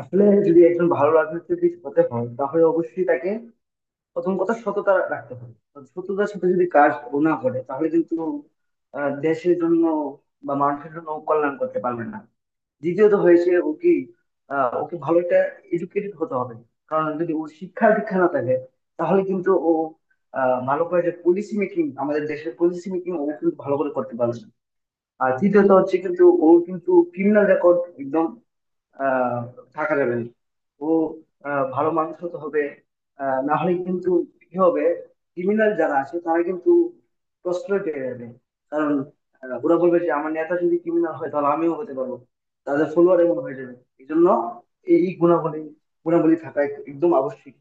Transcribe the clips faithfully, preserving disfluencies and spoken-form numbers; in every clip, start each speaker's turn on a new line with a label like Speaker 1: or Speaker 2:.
Speaker 1: আসলে যদি একজন ভালো রাজনীতিবিদ হতে হয় তাহলে অবশ্যই তাকে প্রথম কথা সততা রাখতে হবে। সততার সাথে যদি কাজ ও না করে তাহলে কিন্তু আহ, দেশের জন্য বা মানুষের জন্য ও কল্যাণ করতে পারবে না। দ্বিতীয়ত হয়েছে ও কি আহ, ওকে ভালো একটা এডুকেটেড হতে হবে। কারণ যদি ওর শিক্ষা দীক্ষা না থাকে তাহলে কিন্তু ও আহ, ভালো করে যে পলিসি মেকিং আমাদের দেশের পলিসি মেকিং ও কিন্তু ভালো করে করতে পারবে না। আর তৃতীয়ত হচ্ছে কিন্তু ও কিন্তু ক্রিমিনাল রেকর্ড একদম আহ থাকা যাবে না। ও আহ, ভালো মানুষ হতে হবে। আহ, না হলে কিন্তু কি হবে? ক্রিমিনাল যারা আছে তারা কিন্তু প্রশ্রয় পেয়ে যাবে, কারণ আহ, ওরা বলবে যে আমার নেতা যদি ক্রিমিনাল হয় তাহলে আমিও হতে পারবো। তাদের ফলোয়ার এমন হয়ে যাবে। এই জন্য এই গুণাবলী গুণাবলী থাকা এক- একদম আবশ্যিক।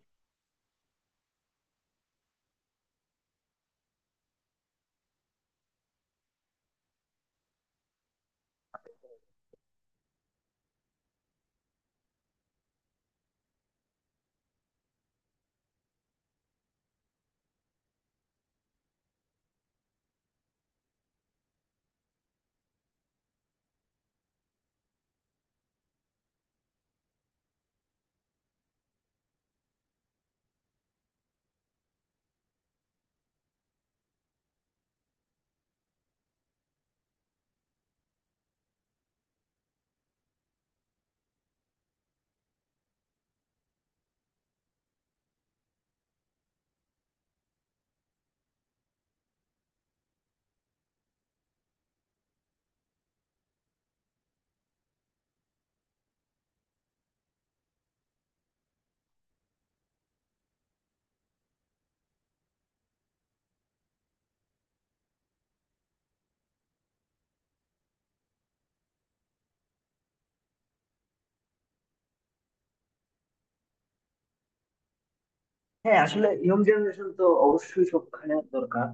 Speaker 1: হ্যাঁ, আসলে ইয়ং জেনারেশন তো অবশ্যই সবখানে দরকার।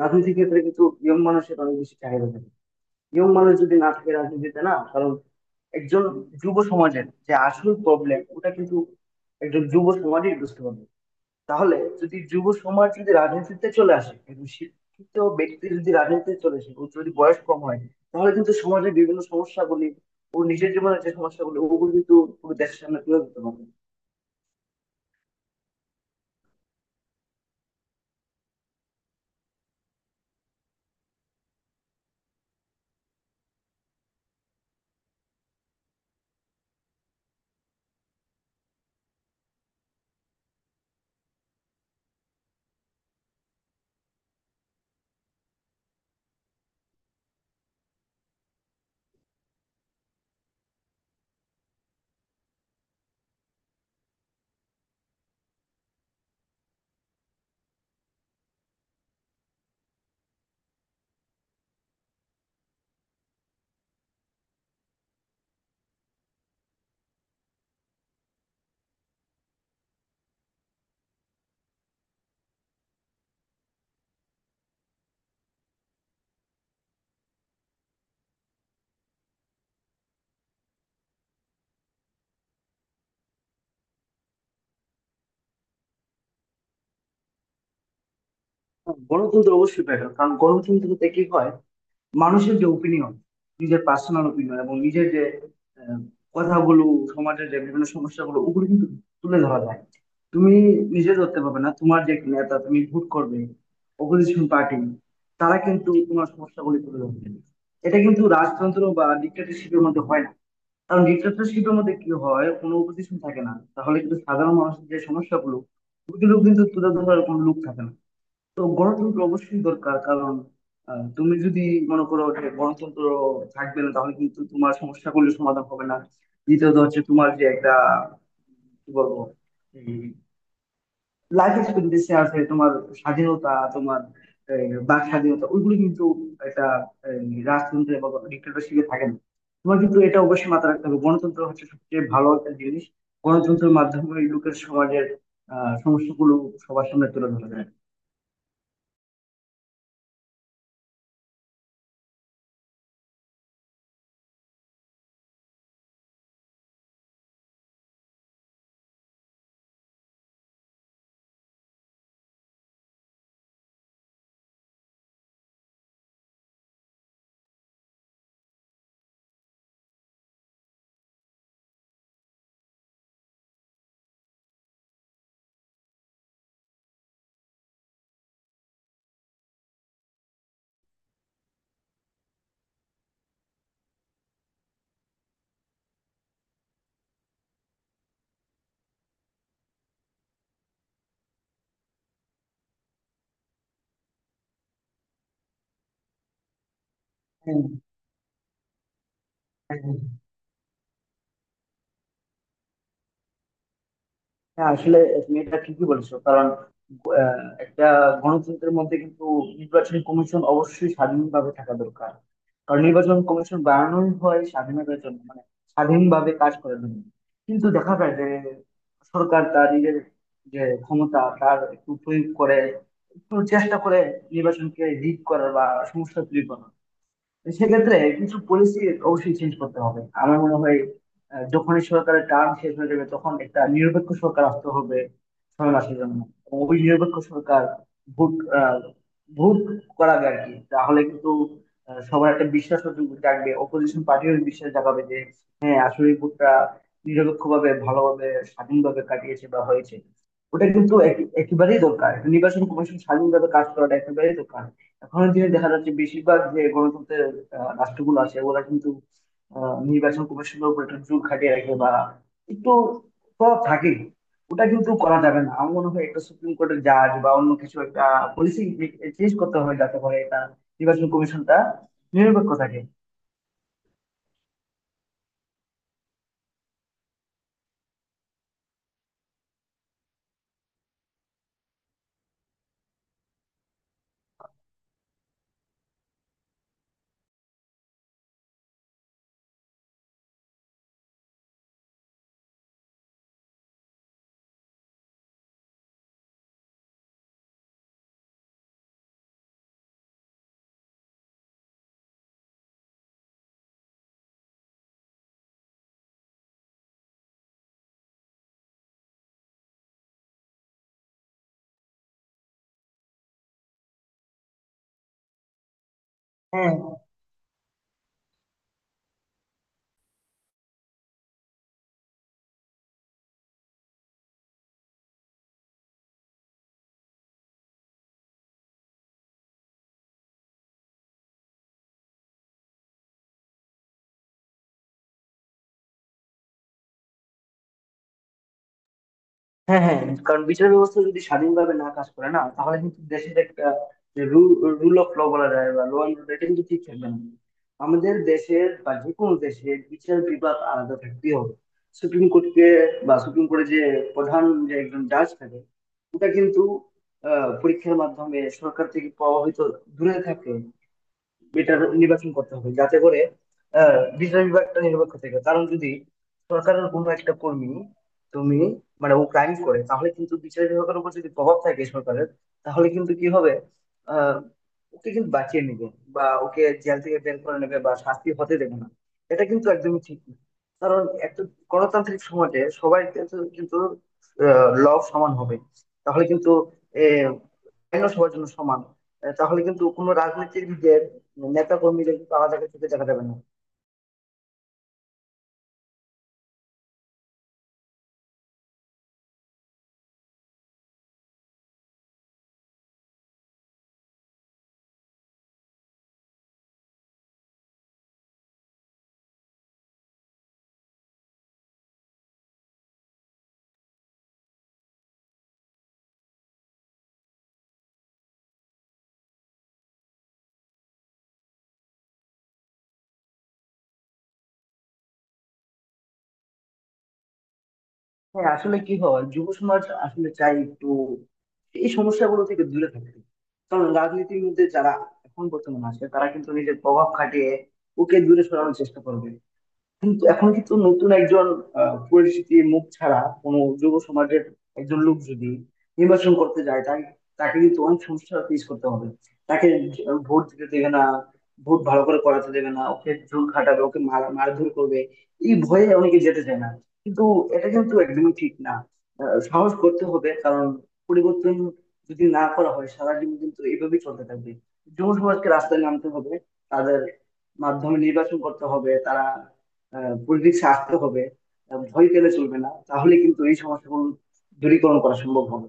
Speaker 1: রাজনীতির ক্ষেত্রে কিন্তু ইয়ং মানুষের অনেক বেশি চাহিদা থাকে। ইয়ং মানুষ যদি না থাকে রাজনীতিতে, না কারণ একজন যুব সমাজের যে আসল প্রবলেম ওটা কিন্তু একজন যুব সমাজই বুঝতে পারবে। তাহলে যদি যুব সমাজ যদি রাজনীতিতে চলে আসে, একজন শিক্ষিত ব্যক্তি যদি রাজনীতিতে চলে আসে, ওর যদি বয়স কম হয় তাহলে কিন্তু সমাজের বিভিন্ন সমস্যাগুলি, ও নিজের জীবনের যে সমস্যাগুলি, ওগুলো কিন্তু পুরো দেশের সামনে তুলে ধরতে পারবে। গণতন্ত্র অবশ্যই বেটার, কারণ গণতন্ত্রতে কি হয়, মানুষের যে ওপিনিয়ন, নিজের পার্সোনাল ওপিনিয়ন এবং নিজের যে আহ, কথাগুলো, সমাজের যে বিভিন্ন সমস্যাগুলো, ওগুলো কিন্তু তুলে ধরা যায়। তুমি নিজে ধরতে পারবে না, তোমার যে নেতা তুমি ভোট করবে, অপোজিশন পার্টি, তারা কিন্তু তোমার সমস্যাগুলি তুলে ধরবে। এটা কিন্তু রাজতন্ত্র বা ডিক্টেটরশিপের মধ্যে হয় না। কারণ ডিক্টেটরশিপের মধ্যে কি হয়, কোনো অপোজিশন থাকে না, তাহলে কিন্তু সাধারণ মানুষের যে সমস্যাগুলো, ওগুলো কিন্তু তুলে ধরার কোনো লোক থাকে না। তো গণতন্ত্র অবশ্যই দরকার, কারণ আহ, তুমি যদি মনে করো যে গণতন্ত্র থাকবে না, তাহলে কিন্তু তোমার সমস্যাগুলো সমাধান হবে না। দ্বিতীয়ত হচ্ছে তোমার যে একটা, কি বলবো, লাইফ এক্সপেক্টেন্সি আছে, তোমার স্বাধীনতা, তোমার আহ, বাক স্বাধীনতা, ওইগুলো কিন্তু একটা আহ, রাজতন্ত্রে বা ডিক্টেটরশিপে থাকে না। তোমার কিন্তু এটা অবশ্যই মাথায় রাখতে হবে, গণতন্ত্র হচ্ছে সবচেয়ে ভালো একটা জিনিস। গণতন্ত্রের মাধ্যমে লোকের, সমাজের আহ সমস্যাগুলো সবার সামনে তুলে ধরা যায়। হ্যাঁ, হ্যাঁ। হ্যাঁ, আসলে তুমি এটা ঠিকই বলেছো। কারণ আহ, একটা গণতন্ত্রের মধ্যে কিন্তু নির্বাচন কমিশন অবশ্যই স্বাধীনভাবে থাকা দরকার। কারণ নির্বাচন কমিশন বানানোই হয় স্বাধীনতার জন্য, মানে স্বাধীনভাবে কাজ করার জন্য। কিন্তু দেখা যায় যে সরকার তার নিজের যে ক্ষমতা, তার একটু প্রয়োগ করে, একটু চেষ্টা করে নির্বাচনকে রিগ করার বা সমস্যা তৈরি করার। সেক্ষেত্রে কিছু পলিসি অবশ্যই চেঞ্জ করতে হবে আমার মনে হয়। আহ, যখনই সরকারের টার্ম শেষ হয়ে যাবে তখন একটা নিরপেক্ষ সরকার আসতে হবে ছয় মাসের জন্য। এবং ওই নিরপেক্ষ সরকার ভোট আহ, ভোট করাবে আর কি। তাহলে কিন্তু আহ, সবার একটা বিশ্বাস জাগবে, অপোজিশন পার্টিও বিশ্বাস জাগাবে যে হ্যাঁ আসলে ভোটটা নিরপেক্ষভাবে, ভালোভাবে, স্বাধীনভাবে কাটিয়েছে বা হয়েছে। ওটা কিন্তু এক- একেবারেই দরকার, নির্বাচন কমিশন স্বাধীনভাবে কাজ করাটা একেবারেই দরকার। এখনের দিনে দেখা যাচ্ছে বেশিরভাগ যে গণতন্ত্রের আহ, রাষ্ট্রগুলো আছে, ওরা কিন্তু আহ, নির্বাচন কমিশনের উপর একটু জোর খাটিয়ে রাখে বা একটু প্রভাব থাকে। ওটা কিন্তু করা যাবে না। আমার মনে হয় একটা সুপ্রিম কোর্টের জাজ বা অন্য কিছু একটা পলিসি চেঞ্জ করতে হবে যাতে করে এটা নির্বাচন কমিশনটা নিরপেক্ষ থাকে। হ্যাঁ, হ্যাঁ, হ্যাঁ, কারণ বিচার ব্যবস্থা যদি স্বাধীনভাবে না কাজ করে না তাহলে কিন্তু দেশের একটা, যে রুল অফ ল বলা যায় বা ল অ্যান্ড অর্ডার, এটা কিন্তু ঠিক থাকবে না। আমাদের দেশের বা যে কোনো দেশের বিচার বিভাগ আলাদা থাকতেই হবে। সুপ্রিম কোর্টকে বা সুপ্রিম কোর্টের যে প্রধান, যে একজন জাজ থাকে, ওটা কিন্তু আহ পরীক্ষার মাধ্যমে, সরকার থেকে পাওয়া হয়তো দূরে থাকে, বেটার নির্বাচন করতে হবে যাতে করে আহ বিচার বিভাগটা নিরপেক্ষ থেকে। কারণ যদি সরকারের কোনো একটা কর্মী, তুমি মানে ও ক্রাইম করে, তাহলে কিন্তু বিচার বিভাগের উপর যদি প্রভাব থাকে সরকারের, তাহলে কিন্তু কি হবে? আহ ওকে কিন্তু বাঁচিয়ে নেবে, বা ওকে জেল থেকে বের করে নেবে, বা শাস্তি হতে দেবে না। এটা কিন্তু একদমই ঠিক না। কারণ একটা গণতান্ত্রিক সমাজে সবাই কিন্তু কিন্তু ল সমান হবে, তাহলে কিন্তু এ, আইনও সবার জন্য সমান। আহ, তাহলে কিন্তু কোনো রাজনৈতিক দিকের নেতা কর্মীদের কিন্তু আলাদা চোখে দেখা যাবে না। হ্যাঁ, আসলে কি হয়, যুব সমাজ আসলে চাই একটু এই সমস্যাগুলো থেকে দূরে থাকতে। কারণ রাজনীতির মধ্যে যারা এখন বর্তমানে আছে তারা কিন্তু নিজের প্রভাব খাটিয়ে ওকে দূরে সরানোর চেষ্টা করবে। কিন্তু এখন কিন্তু নতুন একজন আহ, পরিচিতির মুখ ছাড়া কোনো যুব সমাজের একজন লোক যদি নির্বাচন করতে যায়, তাকে তাকে কিন্তু অনেক সমস্যা ফেস করতে হবে। তাকে ভোট দিতে দেবে না, ভোট ভালো করে করাতে দেবে না, ওকে জোর খাটাবে, ওকে মার মারধর করবে। এই ভয়ে অনেকে যেতে চায় না। কিন্তু এটা কিন্তু একদমই ঠিক না। আহ, সাহস করতে হবে। কারণ পরিবর্তন যদি না করা হয় সারা জীবন কিন্তু এইভাবেই চলতে থাকবে। যুব সমাজকে রাস্তায় নামতে হবে, তাদের মাধ্যমে নির্বাচন করতে হবে, তারা পলিটিক্সে আসতে হবে। আহ ভয় পেলে চলবে না, তাহলে কিন্তু এই সমস্যাগুলো দূরীকরণ করা সম্ভব হবে।